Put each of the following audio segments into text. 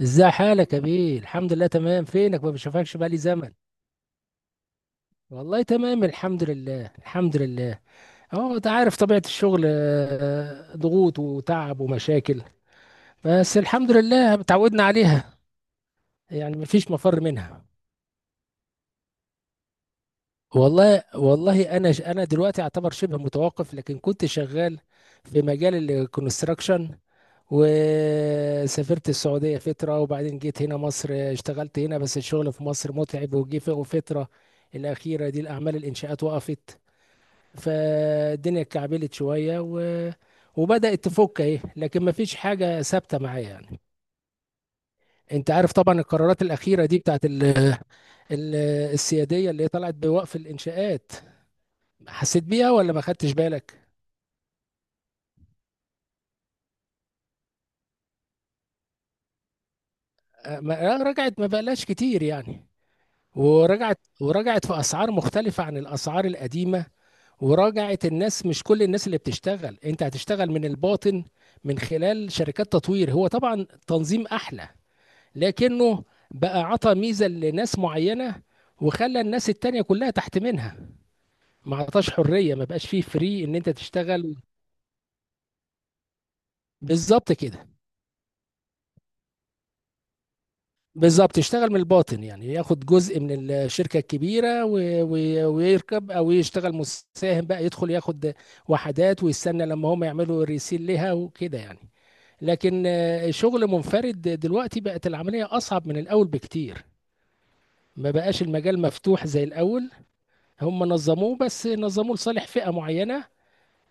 ازاي حالك يا بيه؟ الحمد لله تمام. فينك؟ ما بشوفكش بقالي زمن. والله تمام، الحمد لله. اهو انت عارف طبيعة الشغل، آه، ضغوط وتعب ومشاكل، بس الحمد لله اتعودنا عليها، يعني مفيش مفر منها. والله انا دلوقتي اعتبر شبه متوقف، لكن كنت شغال في مجال الكونستراكشن، وسافرت السعودية فترة، وبعدين جيت هنا مصر، اشتغلت هنا بس الشغل في مصر متعب، وجي في فترة الأخيرة دي الأعمال الإنشاءات وقفت، فالدنيا اتكعبلت شوية وبدأت تفك اهي، لكن ما فيش حاجة ثابتة معايا يعني. انت عارف طبعا القرارات الأخيرة دي بتاعت ال- السيادية اللي طلعت بوقف الإنشاءات، حسيت بيها ولا ما خدتش بالك؟ آه، رجعت ما بقالهاش كتير يعني. ورجعت في اسعار مختلفه عن الاسعار القديمه، وراجعت الناس. مش كل الناس اللي بتشتغل، انت هتشتغل من الباطن من خلال شركات تطوير. هو طبعا تنظيم احلى، لكنه بقى عطى ميزه لناس معينه، وخلى الناس التانية كلها تحت منها. ما عطاش حريه، ما بقاش فيه فري ان انت تشتغل. بالظبط كده. بالظبط، يشتغل من الباطن، يعني ياخد جزء من الشركة الكبيرة و... ويركب، أو يشتغل مساهم بقى، يدخل ياخد وحدات ويستنى لما هم يعملوا ريسيل لها وكده يعني. لكن آه، شغل منفرد دلوقتي بقت العملية أصعب من الأول بكتير. ما بقاش المجال مفتوح زي الأول، هم نظموه بس نظموه لصالح فئة معينة،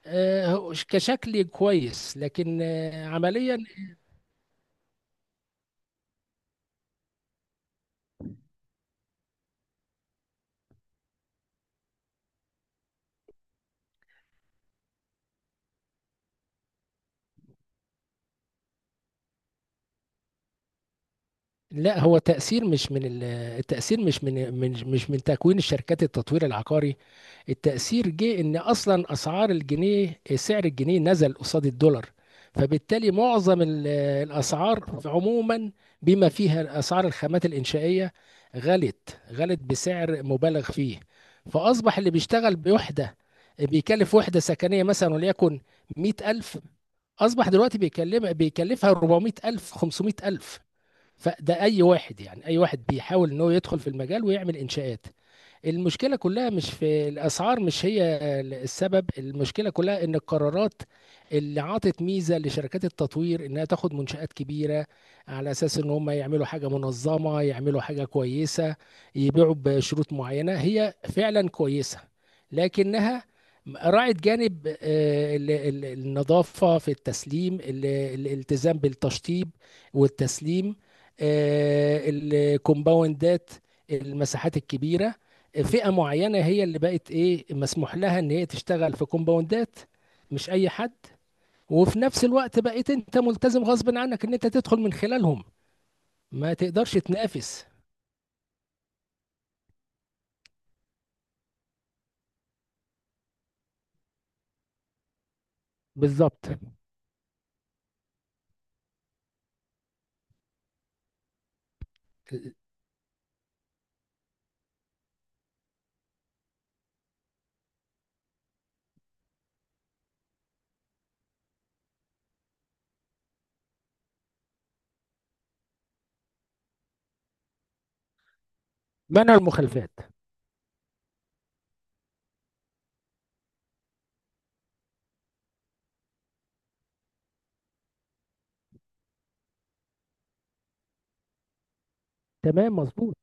آه، كشكل كويس لكن آه، عمليا. لا، هو تأثير مش من التأثير مش من تكوين الشركات التطوير العقاري. التأثير جه إن أصلا أسعار الجنيه، سعر الجنيه نزل قصاد الدولار، فبالتالي معظم الأسعار عموما، بما فيها أسعار الخامات الإنشائية، غلت بسعر مبالغ فيه. فأصبح اللي بيشتغل بوحدة، بيكلف وحدة سكنية مثلا وليكن 100,000، أصبح دلوقتي بيكلفها 400,000 500,000. فده اي واحد، يعني اي واحد بيحاول ان هو يدخل في المجال ويعمل انشاءات. المشكلة كلها مش في الأسعار، مش هي السبب. المشكلة كلها إن القرارات اللي عطت ميزة لشركات التطوير، إنها تاخد منشآت كبيرة على أساس إن هم يعملوا حاجة منظمة، يعملوا حاجة كويسة، يبيعوا بشروط معينة هي فعلا كويسة، لكنها راعت جانب آه، النظافة في التسليم، الالتزام بالتشطيب والتسليم، آه، الكومباوندات، المساحات الكبيرة. فئة معينة هي اللي بقت ايه، مسموح لها ان هي تشتغل في كومباوندات، مش اي حد. وفي نفس الوقت بقيت انت ملتزم غصب عنك ان انت تدخل من خلالهم، ما تقدرش تنافس. بالظبط. منع المخالفات. تمام مظبوط.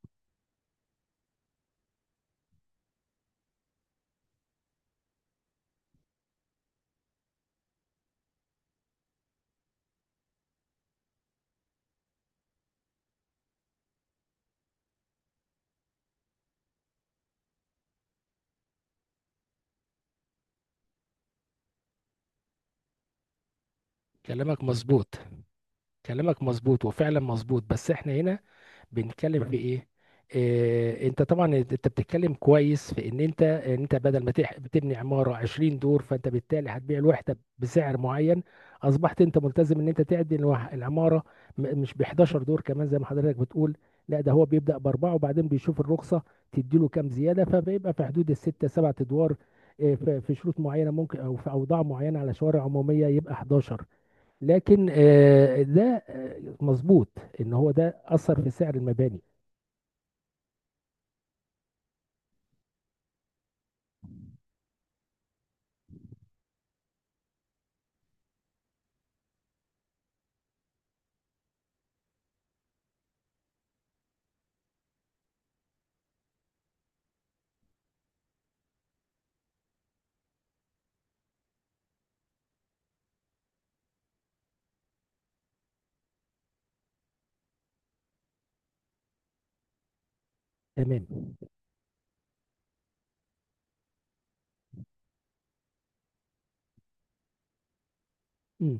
كلامك مظبوط، كلامك مظبوط وفعلا مظبوط، بس احنا هنا بنتكلم في ايه؟ إيه، انت طبعا انت بتتكلم كويس في ان انت ان انت بدل ما بتبني عماره 20 دور، فانت بالتالي هتبيع الوحده بسعر معين. اصبحت انت ملتزم ان انت تعدي العماره، مش ب 11 دور كمان زي ما حضرتك بتقول. لا، ده هو بيبدا باربعه، وبعدين بيشوف الرخصه تديله كام زياده، فبيبقى في حدود السته سبعة ادوار. إيه، في شروط معينه ممكن، او في اوضاع معينه على شوارع عموميه يبقى 11، لكن آه، ده آه، مظبوط ان هو ده اثر في سعر المباني. تمام. مم.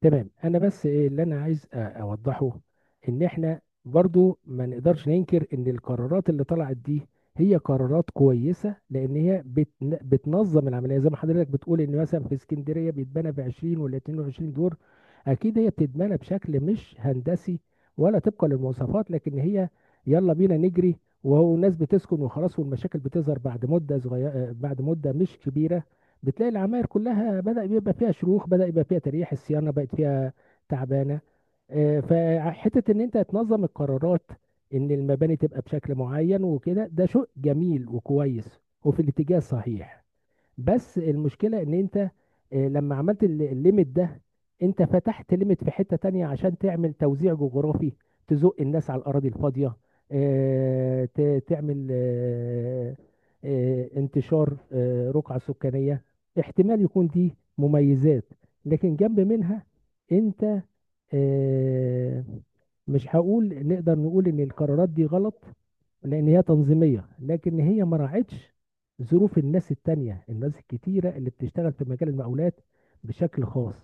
تمام، انا بس ايه اللي انا عايز اوضحه، ان احنا برضو ما نقدرش ننكر ان القرارات اللي طلعت دي هي قرارات كويسة، لان هي بتنظم العملية زي ما حضرتك بتقول، ان مثلا في اسكندرية بيتبنى ب 20 ولا 22 دور، اكيد هي بتتبنى بشكل مش هندسي ولا طبقا للمواصفات. لكن هي يلا بينا نجري، وهو الناس بتسكن وخلاص، والمشاكل بتظهر بعد مدة صغيرة، بعد مدة مش كبيرة بتلاقي العماير كلها بدأ بيبقى فيها شروخ، بدأ يبقى فيها تريح، الصيانة بقت فيها تعبانة. آه، فحتة ان انت تنظم القرارات، ان المباني تبقى بشكل معين وكده، ده شيء جميل وكويس وفي الاتجاه الصحيح. بس المشكلة ان انت آه، لما عملت الليمت ده، انت فتحت ليمت في حتة تانية عشان تعمل توزيع جغرافي، تزق الناس على الأراضي الفاضية، آه، تعمل آه، آه، انتشار، آه، رقعة سكانية. احتمال يكون دي مميزات، لكن جنب منها انت آه، مش هقول نقدر نقول ان القرارات دي غلط، لان هي تنظيميه، لكن هي ما راعتش ظروف الناس التانية، الناس الكتيره اللي بتشتغل في مجال المقاولات بشكل خاص.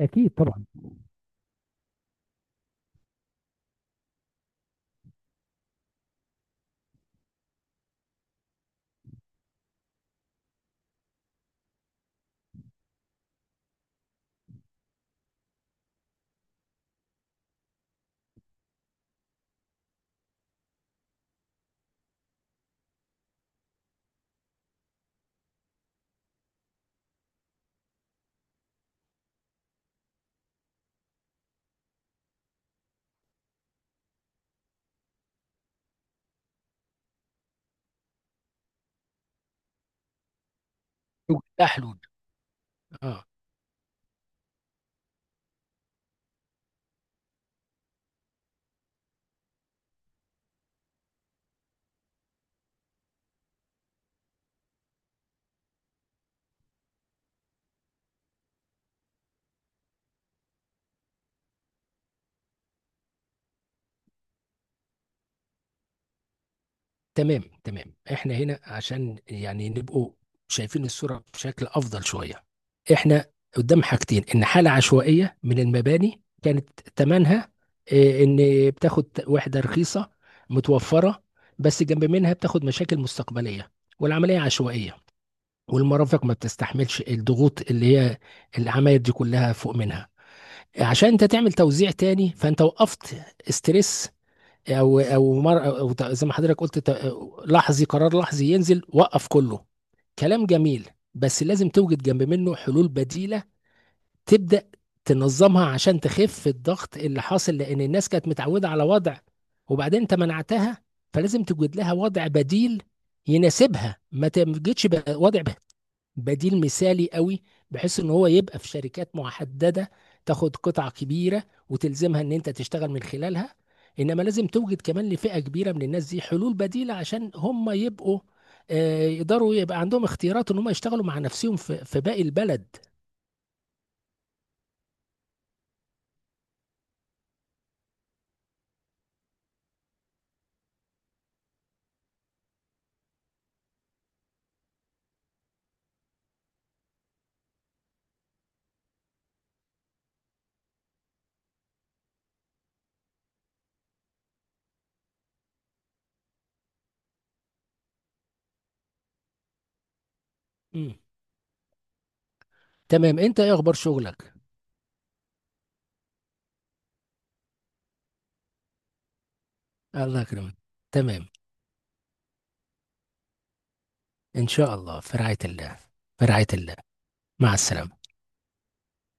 اكيد طبعا. اه. تمام تمام. احنا هنا عشان يعني نبقوا شايفين الصورة بشكل افضل شوية. احنا قدام حاجتين، ان حالة عشوائية من المباني كانت تمنها آه، ان بتاخد وحدة رخيصة متوفرة، بس جنب منها بتاخد مشاكل مستقبلية، والعملية عشوائية، والمرافق ما بتستحملش الضغوط اللي هي العمايل دي كلها فوق منها. عشان انت تعمل توزيع تاني، فانت وقفت استرس، مر أو زي ما حضرتك قلت، لحظي، قرار لحظي ينزل وقف كله. كلام جميل، بس لازم توجد جنب منه حلول بديلة، تبدأ تنظمها عشان تخف الضغط اللي حاصل، لان الناس كانت متعودة على وضع، وبعدين انت منعتها، فلازم توجد لها وضع بديل يناسبها. ما تجدش بقى وضع بديل مثالي قوي بحيث ان هو يبقى في شركات محددة، تاخد قطعة كبيرة وتلزمها ان انت تشتغل من خلالها. انما لازم توجد كمان لفئة كبيرة من الناس دي حلول بديلة، عشان هم يبقوا آه، يقدروا يبقى عندهم اختيارات ان هم يشتغلوا مع نفسهم في باقي البلد. مم. تمام، انت ايه اخبار شغلك؟ الله يكرمك. تمام، ان شاء الله، في رعاية الله. في رعاية الله، مع السلامة.